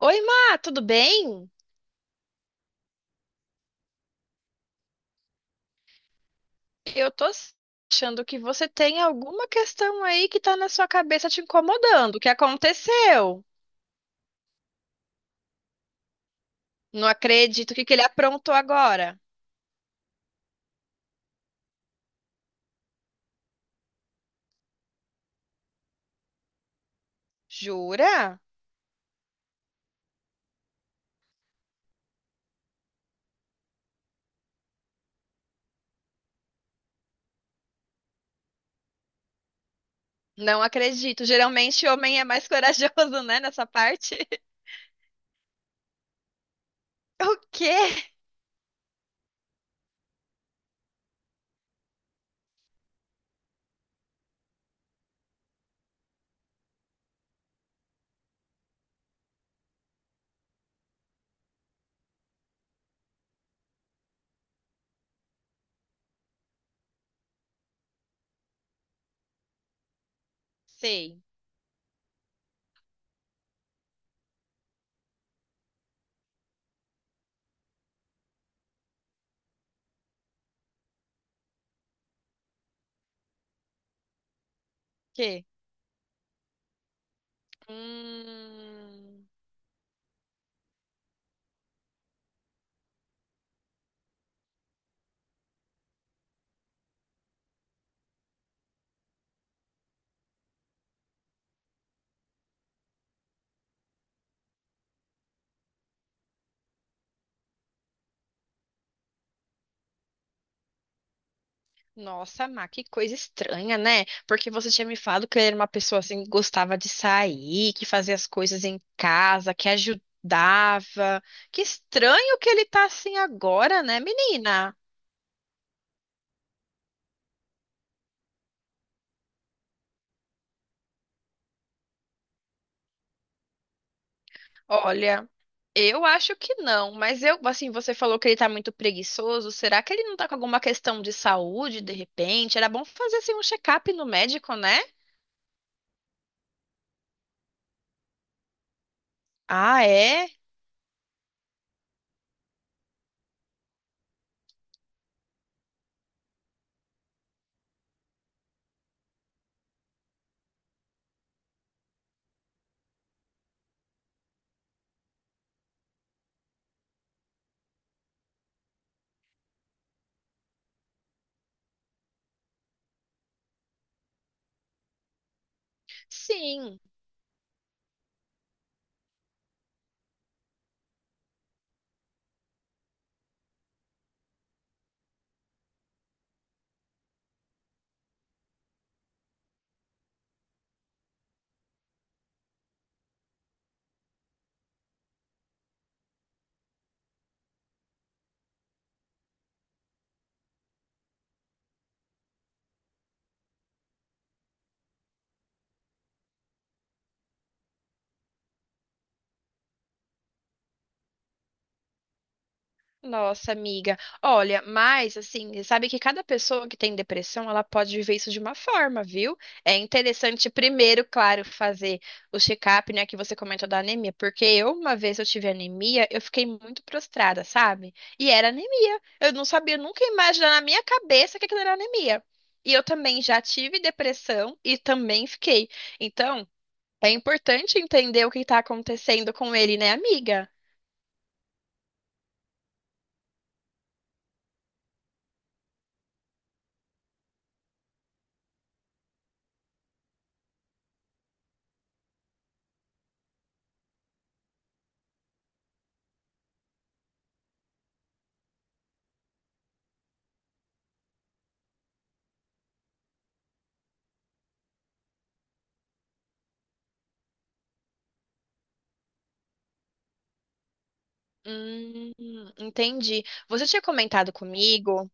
Oi, Má, tudo bem? Eu tô achando que você tem alguma questão aí que tá na sua cabeça te incomodando. O que aconteceu? Não acredito. O que que ele aprontou agora? Jura? Não acredito. Geralmente homem é mais corajoso, né, nessa parte. O quê? Sei. O quê? Hum. Nossa, Má, que coisa estranha, né? Porque você tinha me falado que ele era uma pessoa assim que gostava de sair, que fazia as coisas em casa, que ajudava. Que estranho que ele tá assim agora, né, menina? Olha, eu acho que não, mas eu, assim, você falou que ele tá muito preguiçoso. Será que ele não tá com alguma questão de saúde de repente? Era bom fazer assim um check-up no médico, né? Ah, é? Sim. Nossa, amiga. Olha, mas assim, sabe que cada pessoa que tem depressão, ela pode viver isso de uma forma, viu? É interessante primeiro, claro, fazer o check-up, né, que você comentou da anemia, porque eu uma vez eu tive anemia, eu fiquei muito prostrada, sabe? E era anemia. Eu não sabia, eu nunca ia imaginar na minha cabeça que aquilo era anemia. E eu também já tive depressão e também fiquei. Então, é importante entender o que está acontecendo com ele, né, amiga? Hum, entendi. Você tinha comentado comigo.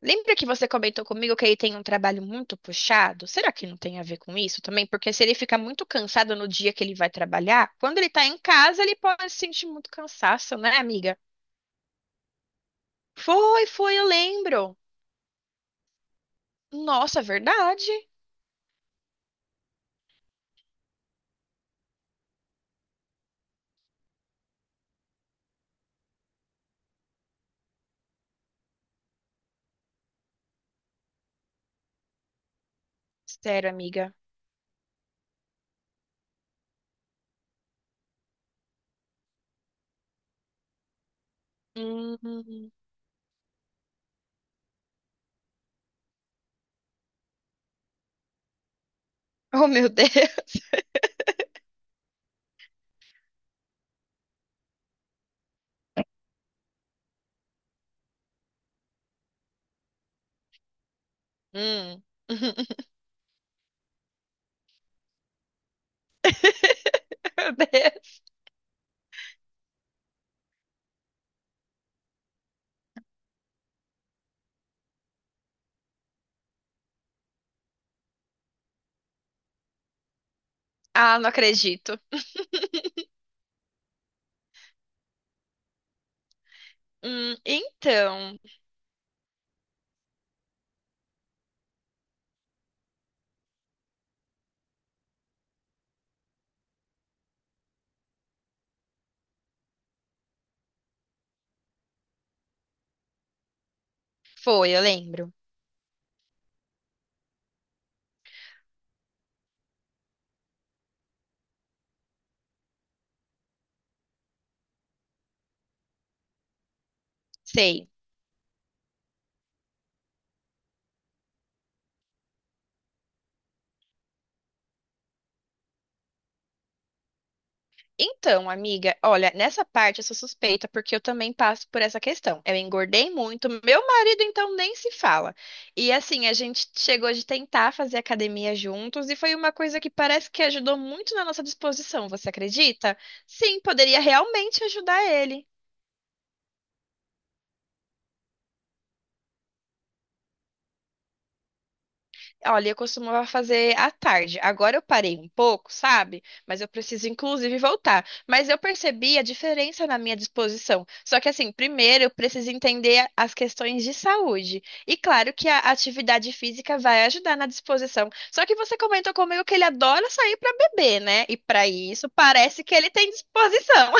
Lembra que você comentou comigo que ele tem um trabalho muito puxado? Será que não tem a ver com isso também? Porque se ele fica muito cansado no dia que ele vai trabalhar, quando ele tá em casa, ele pode sentir muito cansaço, né, amiga? Foi, foi, eu lembro. Nossa, verdade. Sério, amiga. Hum. Oh, meu Deus. Hum. Meu Deus. Ah, não acredito. Então, foi, eu lembro. Sei. Então, amiga, olha, nessa parte eu sou suspeita porque eu também passo por essa questão. Eu engordei muito, meu marido então nem se fala. E assim, a gente chegou de tentar fazer academia juntos e foi uma coisa que parece que ajudou muito na nossa disposição, você acredita? Sim, poderia realmente ajudar ele. Olha, eu costumava fazer à tarde. Agora eu parei um pouco, sabe? Mas eu preciso, inclusive, voltar. Mas eu percebi a diferença na minha disposição. Só que, assim, primeiro eu preciso entender as questões de saúde. E claro que a atividade física vai ajudar na disposição. Só que você comentou comigo que ele adora sair para beber, né? E para isso parece que ele tem disposição.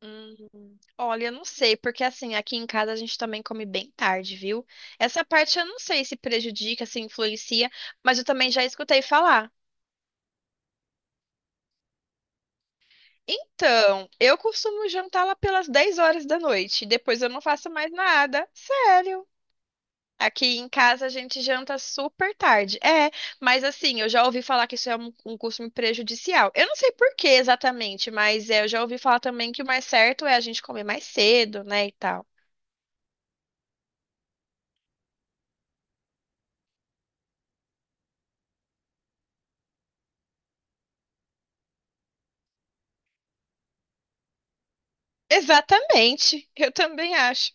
Olha, eu não sei, porque assim, aqui em casa a gente também come bem tarde, viu? Essa parte eu não sei se prejudica, se influencia, mas eu também já escutei falar. Então, eu costumo jantar lá pelas 10 horas da noite, depois eu não faço mais nada, sério. Aqui em casa a gente janta super tarde. É, mas assim, eu já ouvi falar que isso é um costume prejudicial. Eu não sei por que exatamente, mas é, eu já ouvi falar também que o mais certo é a gente comer mais cedo, né, e tal. Exatamente, eu também acho.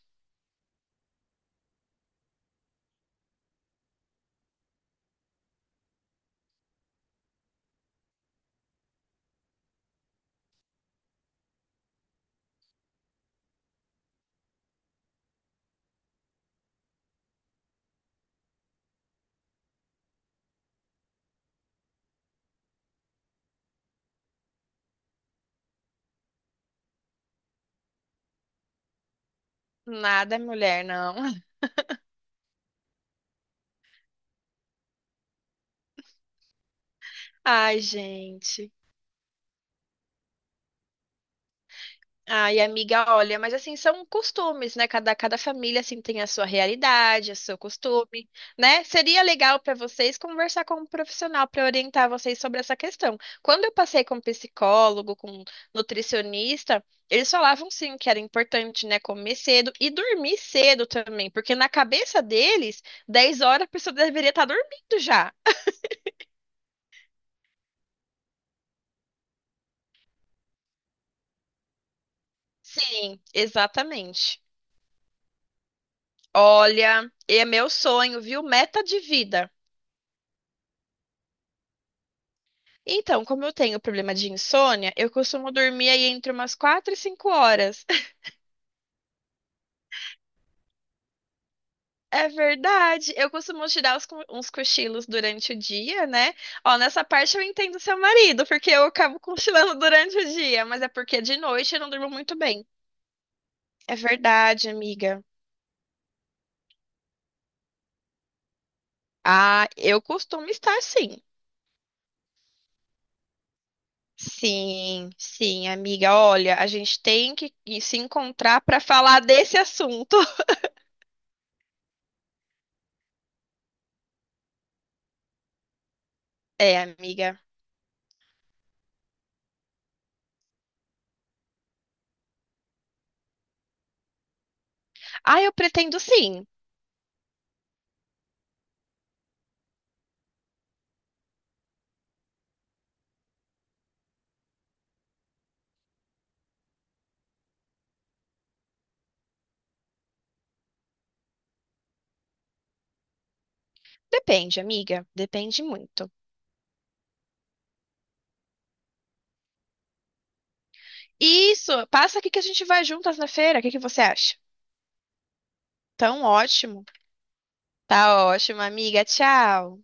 Nada, mulher, não. Ai, gente. Ai, amiga, olha, mas assim, são costumes, né? Cada família, assim, tem a sua realidade, o seu costume, né? Seria legal para vocês conversar com um profissional para orientar vocês sobre essa questão. Quando eu passei com um psicólogo, com um nutricionista, eles falavam, sim, que era importante, né, comer cedo e dormir cedo também, porque na cabeça deles, 10 horas a pessoa deveria estar dormindo já. Sim, exatamente. Olha, é meu sonho, viu? Meta de vida. Então, como eu tenho problema de insônia, eu costumo dormir aí entre umas 4 e 5 horas. É verdade. Eu costumo tirar uns cochilos durante o dia, né? Ó, nessa parte eu entendo seu marido, porque eu acabo cochilando durante o dia, mas é porque de noite eu não durmo muito bem. É verdade, amiga. Ah, eu costumo estar sim. Sim, sim, amiga. Olha, a gente tem que se encontrar para falar desse assunto. É, amiga. Ah, eu pretendo sim. Depende, amiga. Depende muito. Isso, passa aqui que a gente vai juntas na feira. O que que você acha? Tão ótimo. Tá ótimo, amiga. Tchau.